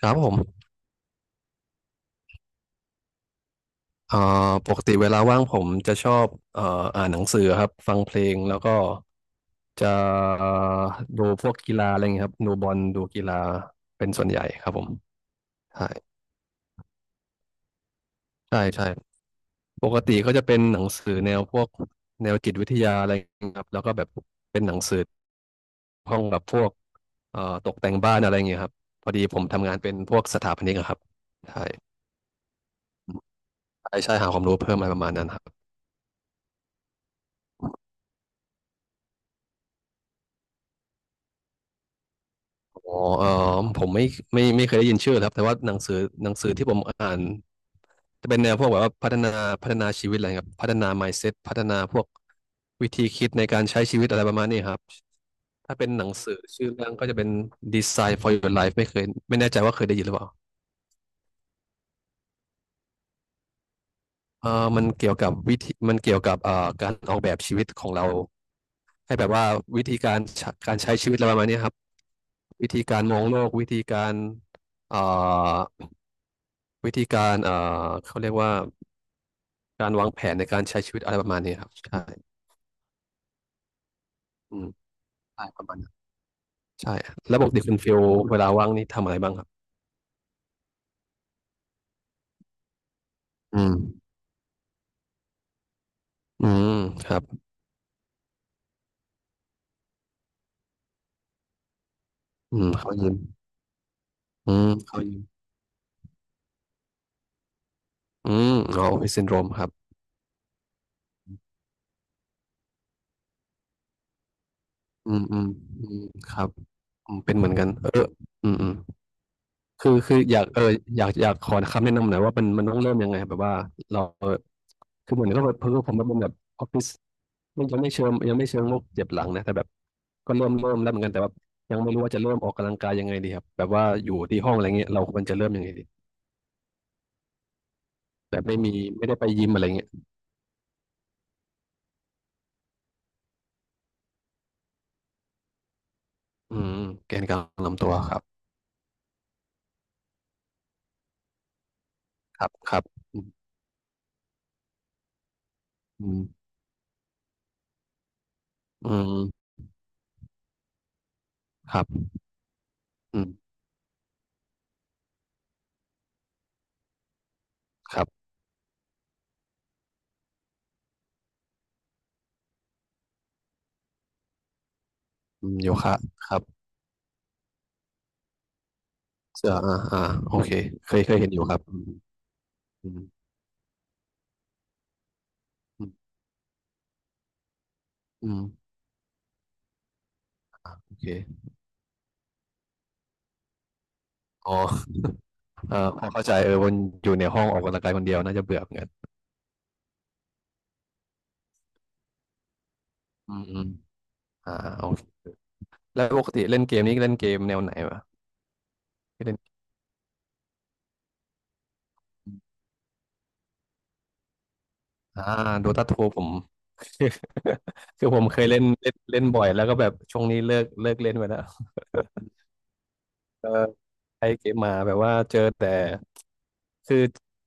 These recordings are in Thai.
ครับผมเอ่อปกติเวลาว่างผมจะชอบเอ่ออ่านหนังสือครับฟังเพลงแล้วก็จะเอ่อดูพวกกีฬาอะไรอย่างเงี้ยครับดูบอลดูกีฬาเป็นส่วนใหญ่ครับผมใช่ใช่ใช่ปกติก็จะเป็นหนังสือแนวพวกแนวจิตวิทยาอะไรอย่างเงี้ยครับแล้วก็แบบเป็นหนังสือห้องกับพวกตกแต่งบ้านอะไรอย่างเงี้ยครับพอดีผมทำงานเป็นพวกสถาปนิกอะครับใช่ใช่ใช่หาความรู้เพิ่มอะไรประมาณนั้นครับ อ๋อเออผมไม่เคยได้ยินชื่อครับแต่ว่าหนังสือที่ผมอ่านจะเป็นแนวพวกแบบว่าพัฒนาชีวิตอะไรครับพัฒนา mindset พัฒนาพวกวิธีคิดในการใช้ชีวิตอะไรประมาณนี้ครับถ้าเป็นหนังสือชื่อเรื่องก็จะเป็น Design for Your Life ไม่เคยไม่แน่ใจว่าเคยได้ยินหรือเปล่าเออมันเกี่ยวกับวิธีมันเกี่ยวกับการออกแบบชีวิตของเราให้แบบว่าวิธีการใช้การใช้ชีวิตอะไรประมาณนี้ครับวิธีการมองโลกเอ่อวิธีการเขาเรียกว่า การวางแผนในการใช้ชีวิตอะไรประมาณนี้ครับใช่อืมใช่ประมาณนั้นใช่แล้วปกติคุณฟิลเวลาว่างนี่ทำอะไรบ้างครับอืมอืมครับอืมเขายิมอืมเขายิมอืมอ๋อออฟฟิศซินโดรมครับอืมอืมอืมครับอืมเป็นเหมือนกันเอออืมอืม คืออยากอยากขอคำแนะนำหน่อยว่ามันต้องเริ่มยังไงแบบว่าเราคือเหมือนก็แบบเพิ่งผมมันเป็นแบบออฟฟิศไม่ยังไม่เชิงโรคเจ็บหลังนะแต่แบบก็เริ่มแล้วเหมือนกันแต่ว่ายังไม่รู้ว่าจะเริ่มออกกำลังกายยังไงดีครับแบบว่าอยู่ที่ห้องอะไรเงี้ยเราควรจะเริ่มยังไงดีแต่ไม่มีไม่ได้ไปยิมอะไรเงี้ยอืมแกนกลางลำตัวครับครับครับอืมอืมอืมครับอืมครับอืมโยคะครับเสื้ออ่าอ่าโอเคเคยเคยเห็นอยู่ครับอืมอืมอืมอืม อเคอ๋อเออพอเข้าใจเออวันอยู่ในห้องออกกำลังกายคนเดียวน่าจะเบื่อเหมือนกันอืมอืมอ่าโอเคแล้วปกติเล่นเกมนี้เล่นเกมแนวไหนวะที่เล่นอ่าโดตาทูผม คือผมเคยเล่นเล่นเล่นบ่อยแล้วก็แบบช่วงนี้เลิกเล่นไปแล้วเออไอเกมมาแบบว่าเจอแต่คือ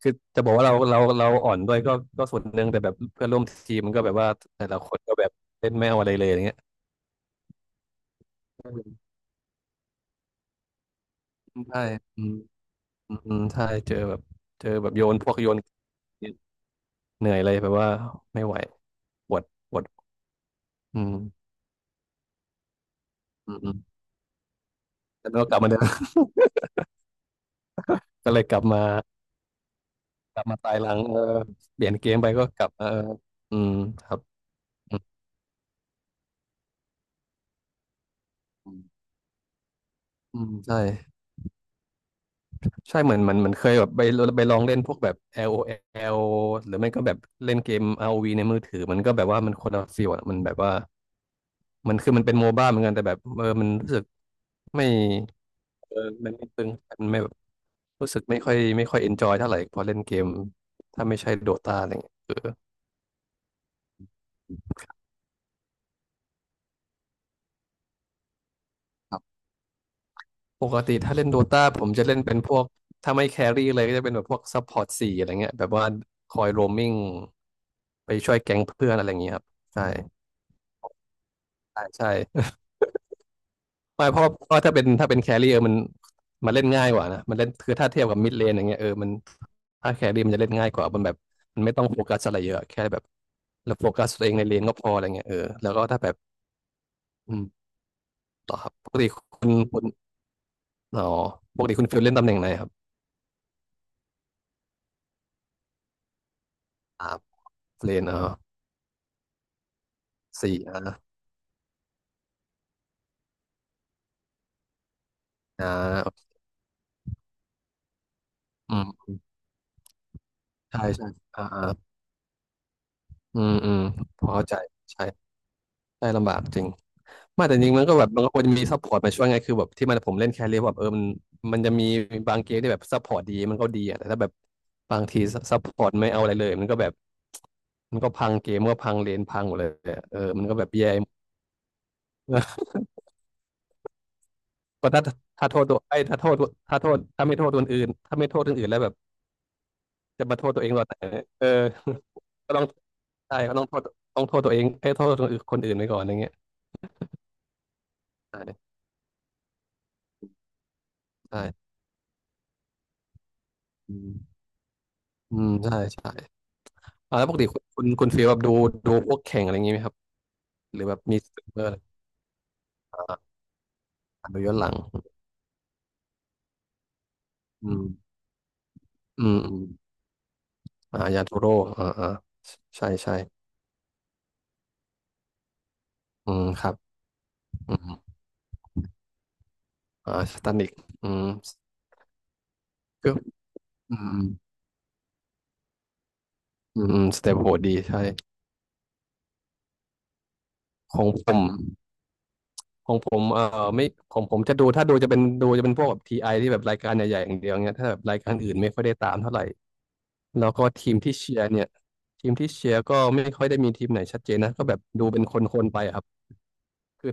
คือจะบอกว่าเราอ่อนด้วยก็ส่วนหนึ่งแต่แบบเพื่อนร่วมทีมมันก็แบบว่าแต่ละคนก็แบบเล่นไม่เอาอะไรเลยอย่างเงี้ยใช่อืมอืมใช่เจอแบบโยนพวกโยน เหนื่อยเลยแบบว่าไม่ไหวปวดปวดอืมอืมอืมแล้วก็กลับมาเดิม ก็เลยกลับมากลับมาตายหลังเออเปลี่ยนเกมไปก็กลับมาเอออืมครับอืมอืมอืมใช่ใช่เหมือนเหมันเหมอนเคยแบบไปลองเล่นพวกแบบ LOL หรือไม่ก็แบบเล่นเกม ROV ในมือถือมันก็แบบว่ามันคนละฟีลอะมันแบบว่ามันคือมันเป็นโมบ้าเหมือนกันแต่แบบเออมันรู้สึกไม่เออมันไม่ตึงมันไม่ รู้สึกไม่ค่อยเอนจอยเท่าไหร่พอเล่นเกมถ้าไม่ใช่โดตาอะไรเงี้ยเออครับปกติถ้าเล่นโดตาผมจะเล่นเป็นพวกถ้าไม่แครี่เลยก็จะเป็นแบบพวกซัพพอร์ตสี่อะไรเงี้ยแบบว่าคอยโรมมิ่งไปช่วยแก๊งเพื่อนอะไรอย่างเงี้ยครับใช่ใช่ใช่ไม่เพราะถ้าเป็นแครี่เออมันเล่นง่ายกว่านะมันเล่นคือถ้าเทียบกับมิดเลนอย่างเงี้ยเออมันถ้าแครี่มันจะเล่นง่ายกว่ามันแบบมันไม่ต้องโฟกัสอะไรเยอะแค่แบบเราโฟกัสตัวเองในเลนก็พออะไรเงี้ยเออแล้วก็ถ้าแบบอืมต่อครับปกติคุณคุณ อ๋อปกติคุณฟิลเล่นตำแหน่งไหนครับอ่าเลนเออสี่อ่าอ่าอืมใช่ใช่อ่าอ่าอืมอืมพอเข้าใจใช่ใช่ลำบากจริงไมาแต่จริงมันก็แบบมันก็ควรจะมีซัพพอร์ตมาช่วยไงคือแบบที่มันผมเล่นแครี่แบบเออมันจะมีบางเกมที่แบบซัพพอร์ตดีมันก็ดีอ่ะแต่ถ้าแบบบางทีซัพพอร์ตไม่เอาอะไรเลยมันก็แบบมันก็พังเกมมันก็พังเลนพังหมดเลยอะเออมันก็แบบแย่ ก็ถ้าถ้าโทษตัวไอ้ยถ้าโทษถ้าโทษถ้าไม่โทษคนอื่นถ้าไม่โทษคนอื่นแล้วแบบจะมาโทษตัวเองตอนไหนเ่เออ ก็ต้องใช่ก็ต้องโทษต้องโทษตัวเองเอ้ยโทษคนอื่นคนอื่นไปก่อนอย่างเงี้ยใช่ใช่อืมอืมใช่ใช่อ่าแล้วปกติคุณฟีลแบบดูดูพวกแข่งอะไรอย่างงี้ไหมครับหรือแบบมีสตรีมเมอร์อะไรอ่าอ่าดูย้อนหลังอืมอืมอืมอ่ายาทูโร่อ่าอ่าใช่ใช่อืมครับอืมอ่าสตันิกอืมก็อืมอืมอืมสเตปโหดดีใช่ของผม ของผมไม่ของผมจะดูถ้าดูจะเป็นดูจะเป็นพวกแบบทีไอที่แบบรายการใหญ่ๆอย่างเดียวเงี้ยถ้าแบบรายการอื่นไม่ค่อยได้ตามเท่าไหร่แล้วก็ทีมที่เชียร์เนี่ยทีมที่เชียร์ก็ไม่ค่อยได้มีทีมไหนชัดเจนนะก็แบบดูเป็นคนๆไปอะครับคือ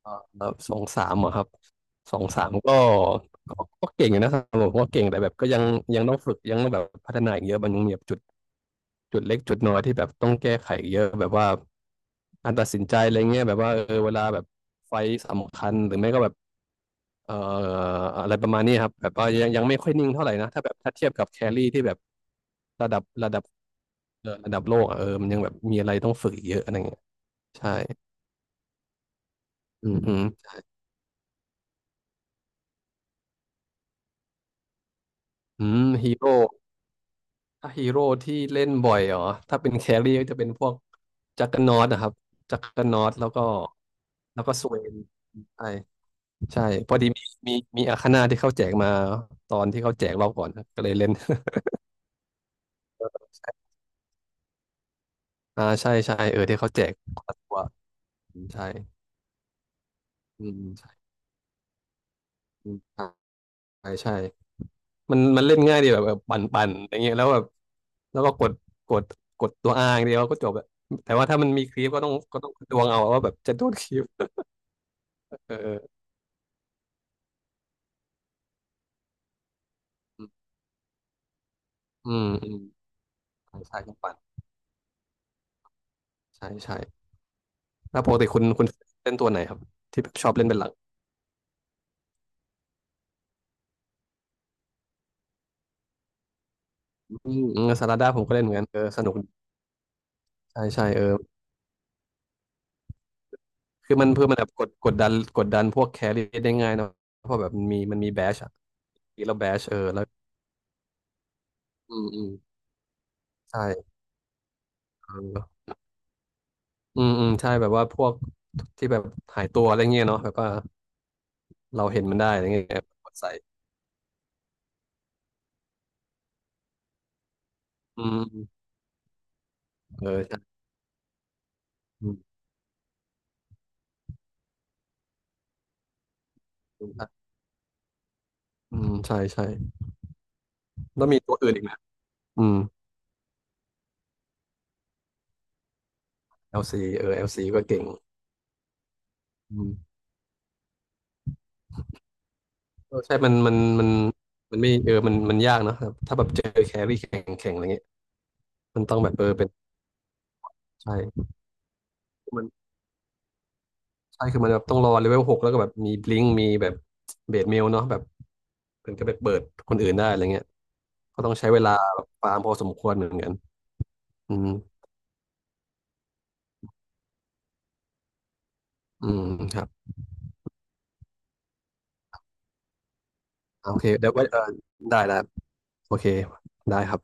เอ่อสองสามอะครับสองสามก็ก็ก็เก่งอยู่นะครับผมก็เก่งแต่แบบก็ยังยังต้องฝึกยังต้องแบบพัฒนาอีกเยอะมันยังมีแบบจุดจุดเล็กจุดน้อยที่แบบต้องแก้ไขอีกเยอะแบบว่าการตัดสินใจอะไรเงี้ยแบบว่าเออเวลาแบบไฟต์สำคัญหรือไม่ก็แบบ เอ่ออะไรประมาณนี้ครับแบบว่ายังยังไม่ค่อยนิ่งเท่าไหร่นะถ้าแบบถ้าเทียบกับแครี่ที่แบบระดับระดับโลกอะเออมันยังแบบมีอะไรต้องฝึกอีกเยอะอะไรเงี้ยใช่อืมอืมอืมฮีโร่ถ้าฮีโร่ที่เล่นบ่อยเหรอถ้าเป็นแครี่ก็จะเป็นพวกจักรนอตนะครับจักรนอตแล้วก็แล้วก็สเวนใช่ใช่พอดีมีมีมีอาคาน่าที่เขาแจกมาตอนที่เขาแจกรอบก่อนครับก็เลยเล่น อ่าใช่ใช่เออที่เขาแจกคนละตัวใช่ อืมใช่อืมใช่ใช่มันมันเล่นง่ายดีแบบแบบปั่นปั่นอย่างเงี้ยแล้วแบบแล้วก็กดกดกดตัวอาอย่างเดียวก็จบอะแต่ว่าถ้ามันมีคลิปก็ต้องก็ต้องดวงเอาว่าแบบจะโดนคลิปเออเอออืมอืมใช่ใช่ก็ปั่นใช่ใช่ แล้วปกติคุณคุณเล่นตัวไหนครับที่ชอบเล่นเป็นหลักอืมอืมซาลาดาผมก็เล่นเหมือนกันเออสนุกดีใช่ใช่เออคือมันเพื่อมันแบบกดกดดันพวกแครี่ได้ง่ายเนอะเพราะแบบมันมีแบชอะอีกแล้วแบชเออแล้วอืมอืมใช่เออ อืมอืมใช่แบบว่าพวกที่แบบหายตัวอะไรเงี้ยเนาะแบบว่าเราเห็นมันได้อะไรเงี้ยกดใส่อืมเออใช่อืมอืมใช่ใช่แล้วมีตัวอื่นอีกไหมอืม LC เออ LC ก็เก่งอืมเออใช่มันมันมันไม่มันมันยากเนอะครับถ้าแบบเจอแครี่แข็งแข็งอะไรเงี้ยมันต้องแบบเออเป็นใช่มันใช่คือมันแบบต้องรอเลเวลหกแล้วก็แบบมีบลิงกมีแบบเบสเมลเนาะแบบ เป็นก็ไปเปิดคนอื่นได้อะไรเงี้ย ก็ต้องใช้เวลาแบบฟาร์มพอสมควรเหมือนกัน อืมอืมครับโอเคเดี๋ยวไว้เออได้แล้วโอเคได้ครับ